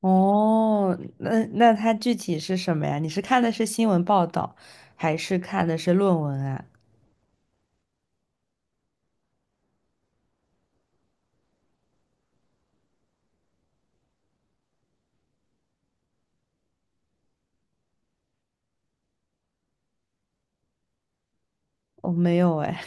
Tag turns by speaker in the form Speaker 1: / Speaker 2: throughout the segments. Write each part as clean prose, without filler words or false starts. Speaker 1: 哦，那它具体是什么呀？你是看的是新闻报道，还是看的是论文啊？哦，没有哎。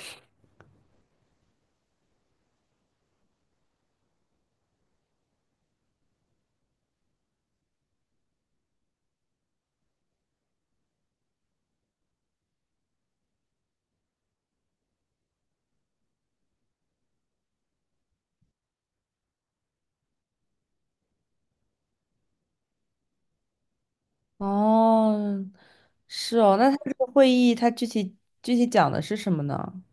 Speaker 1: 哦，是哦，那它这个会议它具体讲的是什么呢？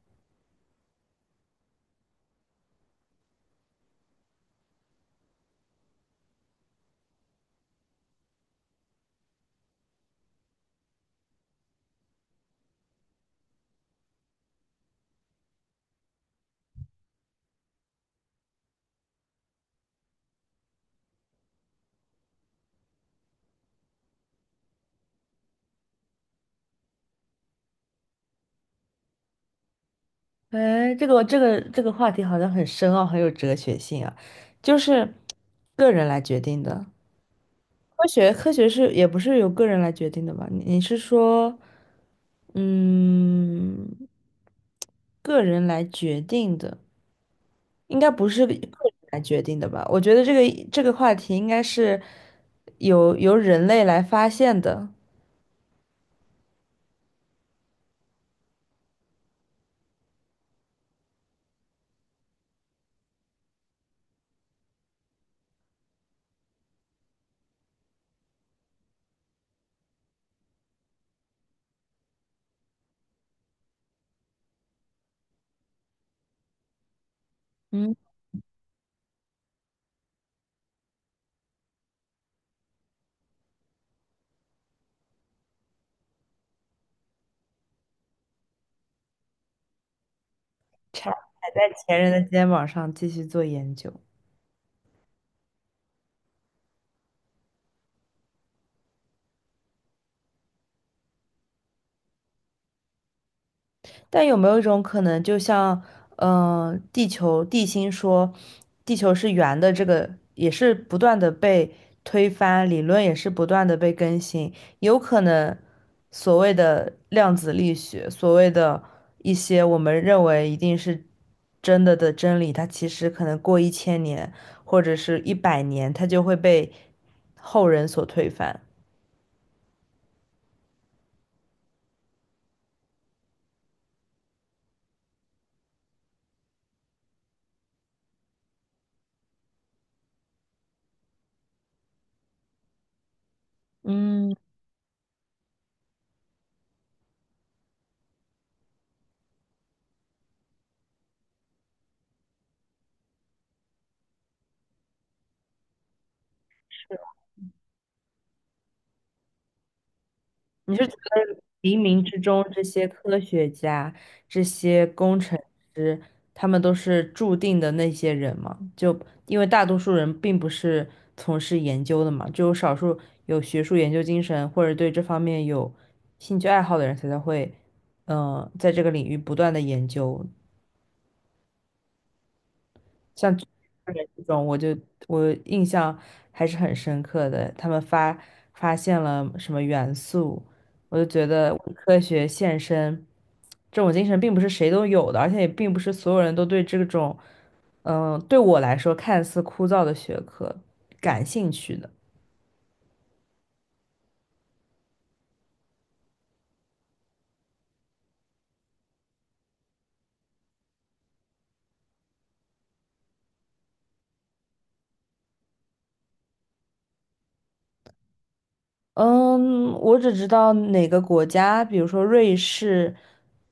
Speaker 1: 哎，这个话题好像很深奥，很有哲学性啊，就是个人来决定的。科学是也不是由个人来决定的吧？你是说，嗯，个人来决定的。应该不是个人来决定的吧？我觉得这个话题应该是由人类来发现的，嗯，踩在前人的肩膀上继续做研究。但有没有一种可能，就像，地球地心说，地球是圆的，这个也是不断的被推翻，理论也是不断的被更新，有可能所谓的量子力学，所谓的一些我们认为一定是真的的真理，它其实可能过1000年或者是100年，它就会被后人所推翻。嗯，你是觉得冥冥之中这些科学家、这些工程师，他们都是注定的那些人吗？就因为大多数人并不是从事研究的嘛，只有少数有学术研究精神或者对这方面有兴趣爱好的人才会，在这个领域不断的研究。像巨人这种，我印象还是很深刻的。他们发现了什么元素，我就觉得为科学献身这种精神并不是谁都有的，而且也并不是所有人都对这种，对我来说看似枯燥的学科感兴趣的。嗯，我只知道哪个国家，比如说瑞士，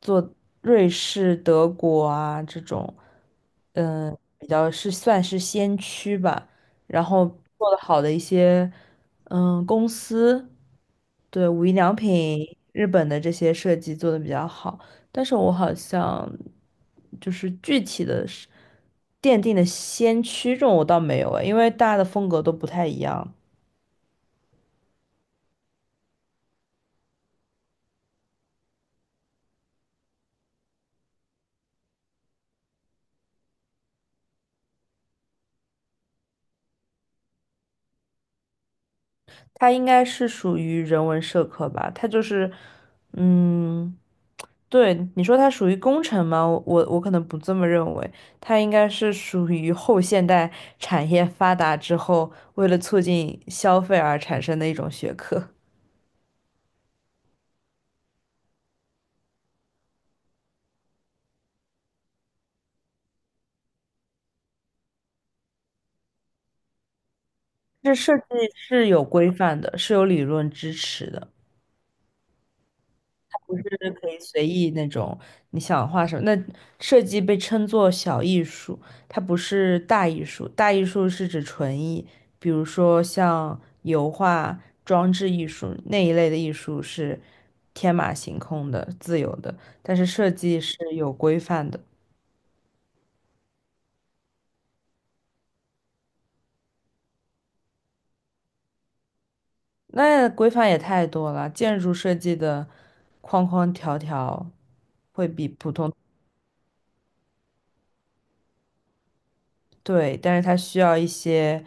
Speaker 1: 做瑞士、德国啊这种，比较是算是先驱吧。然后做的好的一些，公司，对，无印良品、日本的这些设计做的比较好。但是我好像就是具体的是奠定的先驱这种我倒没有诶，因为大家的风格都不太一样。它应该是属于人文社科吧？它就是，嗯，对，你说它属于工程吗？我可能不这么认为，它应该是属于后现代产业发达之后，为了促进消费而产生的一种学科。这设计是有规范的，是有理论支持的。不是可以随意那种，你想画什么？那设计被称作小艺术，它不是大艺术。大艺术是指纯艺，比如说像油画、装置艺术那一类的艺术是天马行空的、自由的，但是设计是有规范的。那规范也太多了，建筑设计的框框条条。会比不。对，但是它需要一些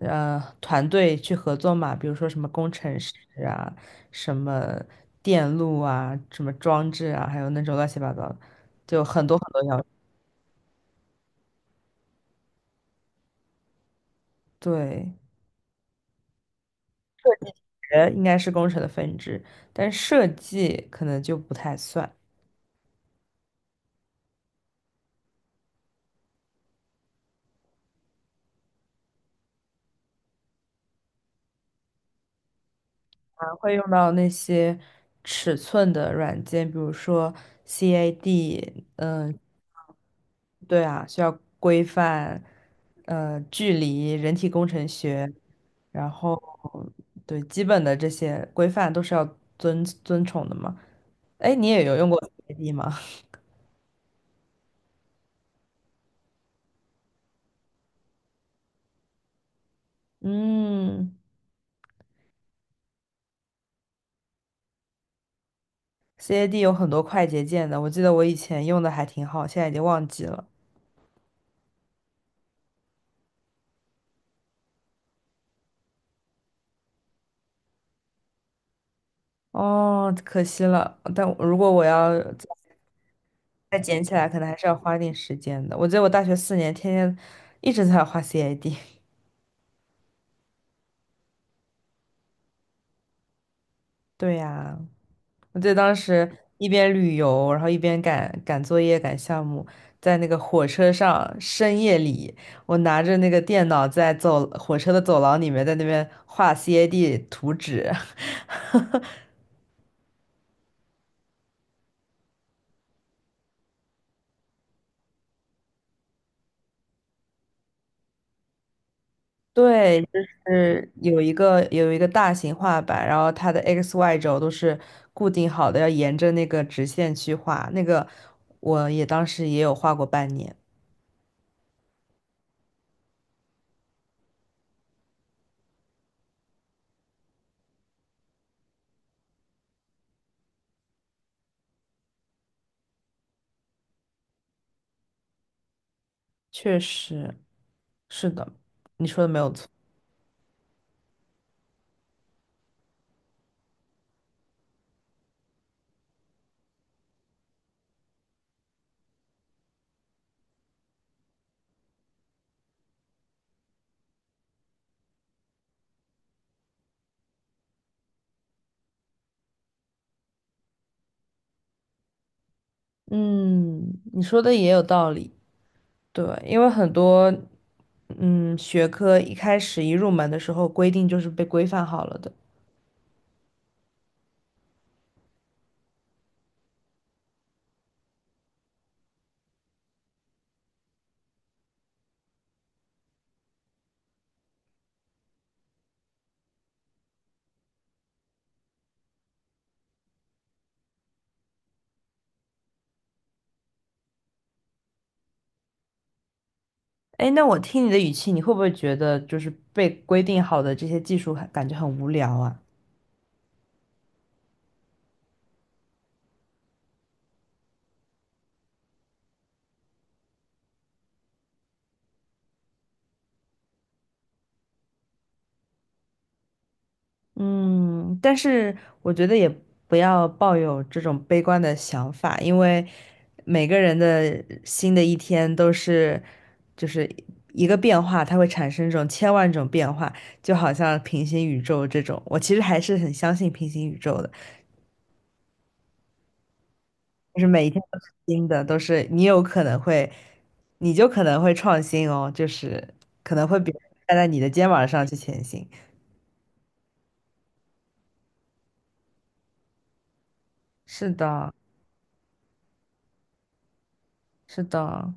Speaker 1: 团队去合作嘛，比如说什么工程师啊，什么电路啊，什么装置啊，还有那种乱七八糟的，就很多很多要。对，应该是工程的分支，但设计可能就不太算。还会用到那些尺寸的软件，比如说 CAD，嗯。对啊，需要规范，距离、人体工程学，然后对基本的这些规范都是要遵从的嘛。哎，你也有用过 CAD 吗？嗯，CAD 有很多快捷键的，我记得我以前用的还挺好，现在已经忘记了。哦，可惜了。但如果我要再捡起来，可能还是要花点时间的。我记得我大学4年天天一直在画 CAD。对呀，我记得当时一边旅游，然后一边赶作业、赶项目，在那个火车上深夜里，我拿着那个电脑在走火车的走廊里面，在那边画 CAD 图纸。对，就是有一个大型画板，然后它的 x、y 轴都是固定好的，要沿着那个直线去画。那个我也当时也有画过半年，确实是的，你说的没有错。嗯，你说的也有道理。对，因为很多学科一开始一入门的时候规定就是被规范好了的。哎，那我听你的语气，你会不会觉得就是被规定好的这些技术感觉很无聊啊？嗯，但是我觉得也不要抱有这种悲观的想法，因为每个人的新的一天都是就是一个变化，它会产生这种千万种变化，就好像平行宇宙这种，我其实还是很相信平行宇宙的。就是每一天都是新的，都是你有可能会，你就可能会创新哦，就是可能会别人站在你的肩膀上去前行。是的，是的，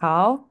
Speaker 1: 好。